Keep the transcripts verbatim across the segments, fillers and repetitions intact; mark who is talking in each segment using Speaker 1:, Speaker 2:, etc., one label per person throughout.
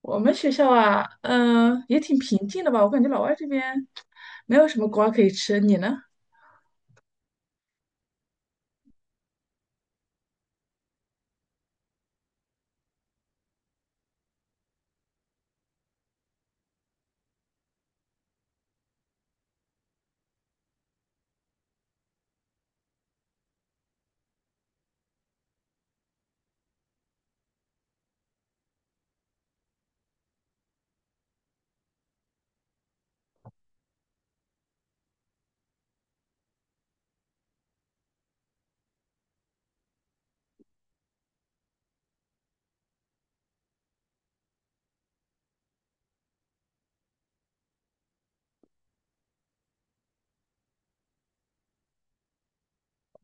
Speaker 1: 我们学校啊，嗯、也挺平静的吧？我感觉老外这边没有什么瓜可以吃，你呢？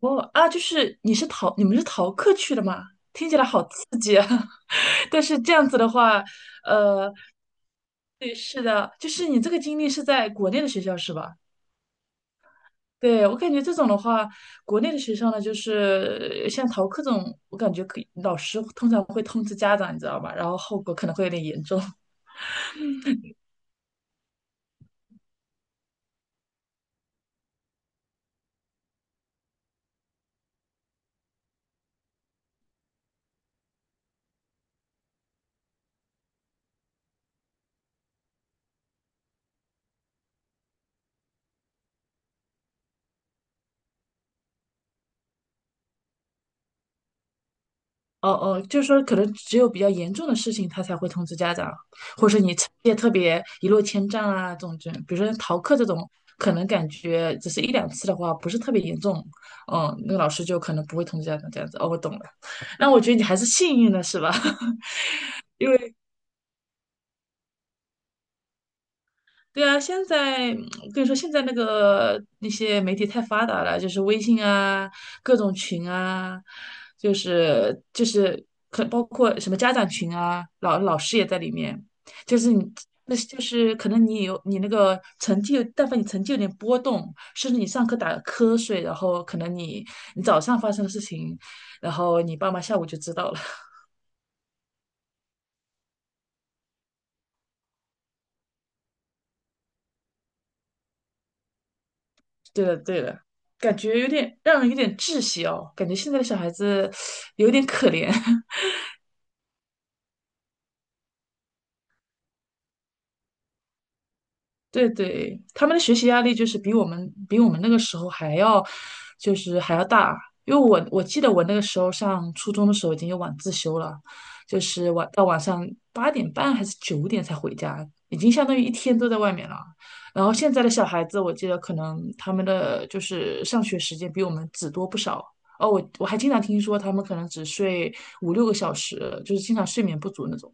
Speaker 1: 哦啊，就是你是逃，你们是逃课去的吗？听起来好刺激啊！但是这样子的话，呃，对，是的，就是你这个经历是在国内的学校是吧？对，我感觉这种的话，国内的学校呢，就是呃像逃课这种，我感觉可以，老师通常会通知家长，你知道吧？然后后果可能会有点严重。哦哦，就是说可能只有比较严重的事情，他才会通知家长，或者是你成绩特别一落千丈啊这种这，比如说逃课这种，可能感觉只是一两次的话，不是特别严重，嗯，那个老师就可能不会通知家长这样子。哦，我懂了，那我觉得你还是幸运的是吧？对啊，现在嗯我跟你说，现在那个那些媒体太发达了，就是微信啊，各种群啊，就是就是可包括什么家长群啊，老老师也在里面，就是你。那是就是可能你有你那个成绩有但凡你成绩有点波动，甚至你上课打了瞌睡，然后可能你你早上发生的事情，然后你爸妈下午就知道了。对的，对的，感觉有点让人有点窒息哦，感觉现在的小孩子有点可怜。对对，他们的学习压力就是比我们比我们那个时候还要，就是还要大。因为我我记得我那个时候上初中的时候已经有晚自修了，就是晚到晚上八点半还是九点才回家，已经相当于一天都在外面了。然后现在的小孩子，我记得可能他们的就是上学时间比我们只多不少。哦，我我还经常听说他们可能只睡五六个小时，就是经常睡眠不足那种。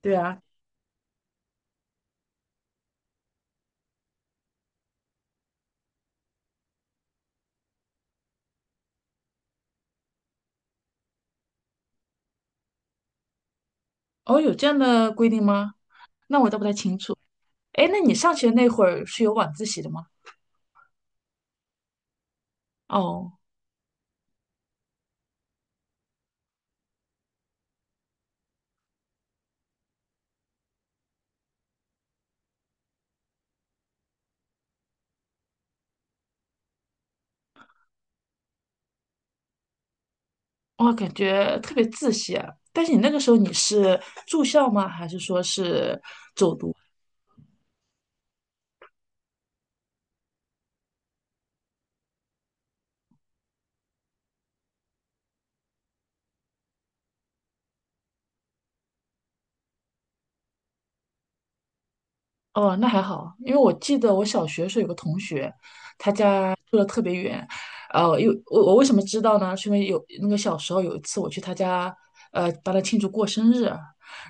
Speaker 1: 对啊，哦，有这样的规定吗？那我倒不太清楚。哎，那你上学那会儿是有晚自习的吗？哦，我感觉特别自习啊。但是你那个时候你是住校吗？还是说是走读？哦，那还好，因为我记得我小学的时候有个同学，他家住的特别远，呃，因为我我为什么知道呢？是因为有那个小时候有一次我去他家，呃，帮他庆祝过生日，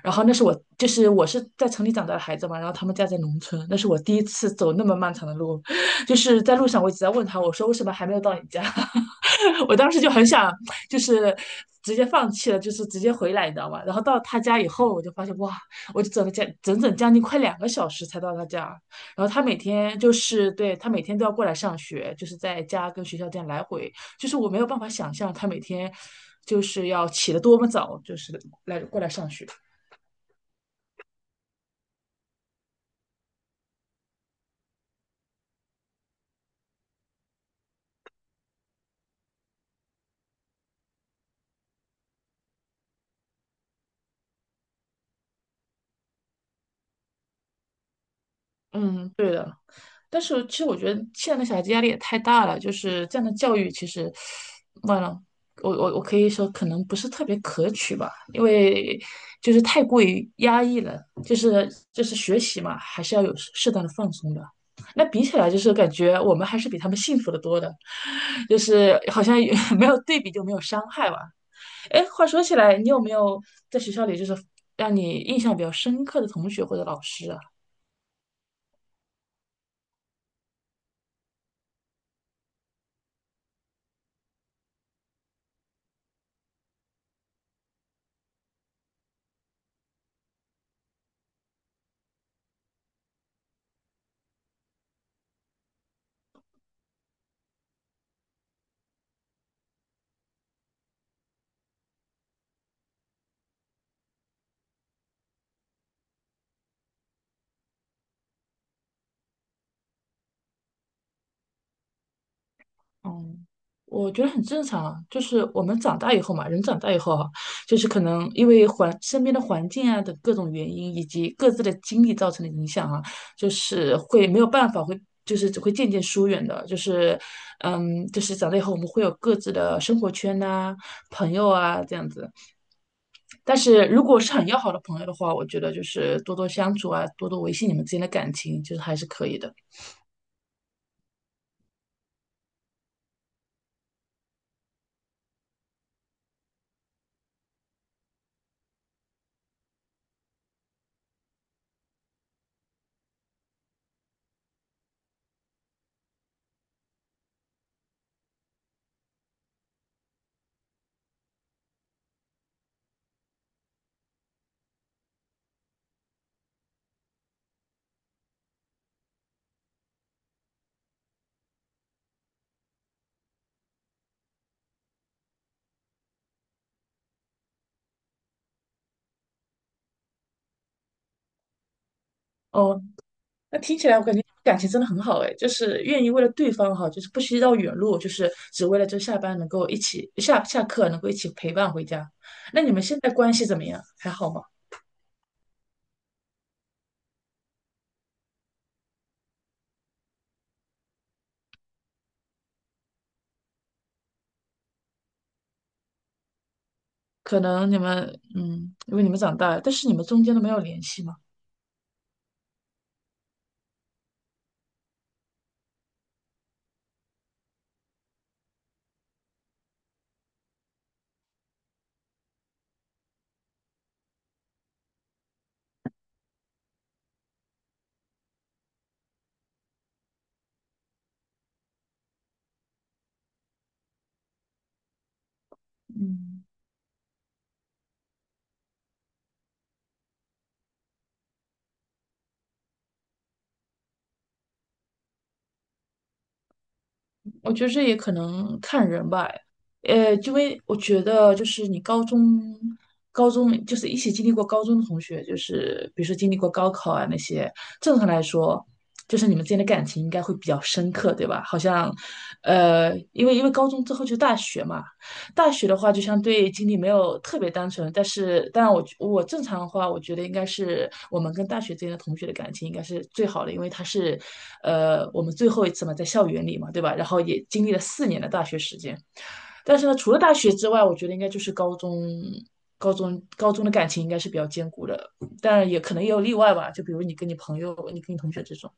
Speaker 1: 然后那是我就是我是在城里长大的孩子嘛，然后他们家在农村，那是我第一次走那么漫长的路，就是在路上我一直在问他，我说为什么还没有到你家？我当时就很想就是直接放弃了，就是直接回来，你知道吗？然后到他家以后，我就发现哇。我就走了将整整将近快两个小时才到他家。然后他每天就是对他每天都要过来上学，就是在家跟学校这样来回，就是我没有办法想象他每天就是要起得多么早，就是来过来上学。嗯，但是其实我觉得现在的小孩子压力也太大了，就是这样的教育其实，完了，我我我可以说可能不是特别可取吧，因为就是太过于压抑了，就是就是学习嘛，还是要有适适当的放松的。那比起来，就是感觉我们还是比他们幸福的多的，就是好像也 没有对比就没有伤害吧。哎，话说起来，你有没有在学校里就是让你印象比较深刻的同学或者老师啊？嗯，我觉得很正常啊，就是我们长大以后嘛，人长大以后哈，就是可能因为环身边的环境啊等各种原因，以及各自的经历造成的影响啊，就是会没有办法，会就是只会渐渐疏远的，就是，嗯，就是长大以后我们会有各自的生活圈呐、朋友啊这样子，但是如果是很要好的朋友的话，我觉得就是多多相处啊，多多维系你们之间的感情，就是还是可以的。哦，那听起来我感觉感情真的很好哎，就是愿意为了对方哈，就是不惜绕远路，就是只为了就下班能够一起下下课能够一起陪伴回家。那你们现在关系怎么样？还好吗？可能你们嗯，因为你们长大了，但是你们中间都没有联系吗？嗯。我觉得这也可能看人吧，呃，因为我觉得就是你高中、高中就是一起经历过高中的同学，就是比如说经历过高考啊那些，正常来说，就是你们之间的感情应该会比较深刻，对吧？好像，呃，因为因为高中之后就大学嘛，大学的话，就相对经历没有特别单纯，但是当然我我正常的话，我觉得应该是我们跟大学之间的同学的感情应该是最好的，因为他是，呃，我们最后一次嘛，在校园里嘛，对吧？然后也经历了四年的大学时间，但是呢，除了大学之外，我觉得应该就是高中。高中高中的感情应该是比较坚固的，当然也可能也有例外吧，就比如你跟你朋友、你跟你同学这种。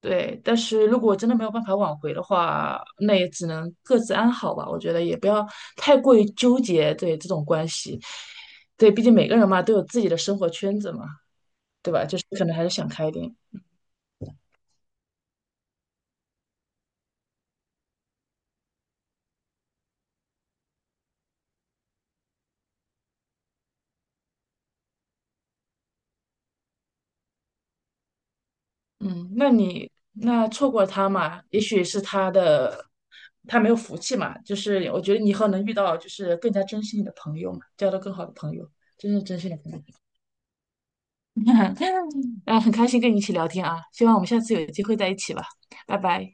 Speaker 1: 对，但是如果真的没有办法挽回的话，那也只能各自安好吧。我觉得也不要太过于纠结对这种关系，对，毕竟每个人嘛都有自己的生活圈子嘛，对吧？就是可能还是想开一点。嗯，那你那错过他嘛，也许是他的他没有福气嘛，就是我觉得你以后能遇到就是更加珍惜你的朋友嘛，交到更好的朋友，真正珍惜你的朋友。啊，很开心跟你一起聊天啊，希望我们下次有机会在一起吧，拜拜。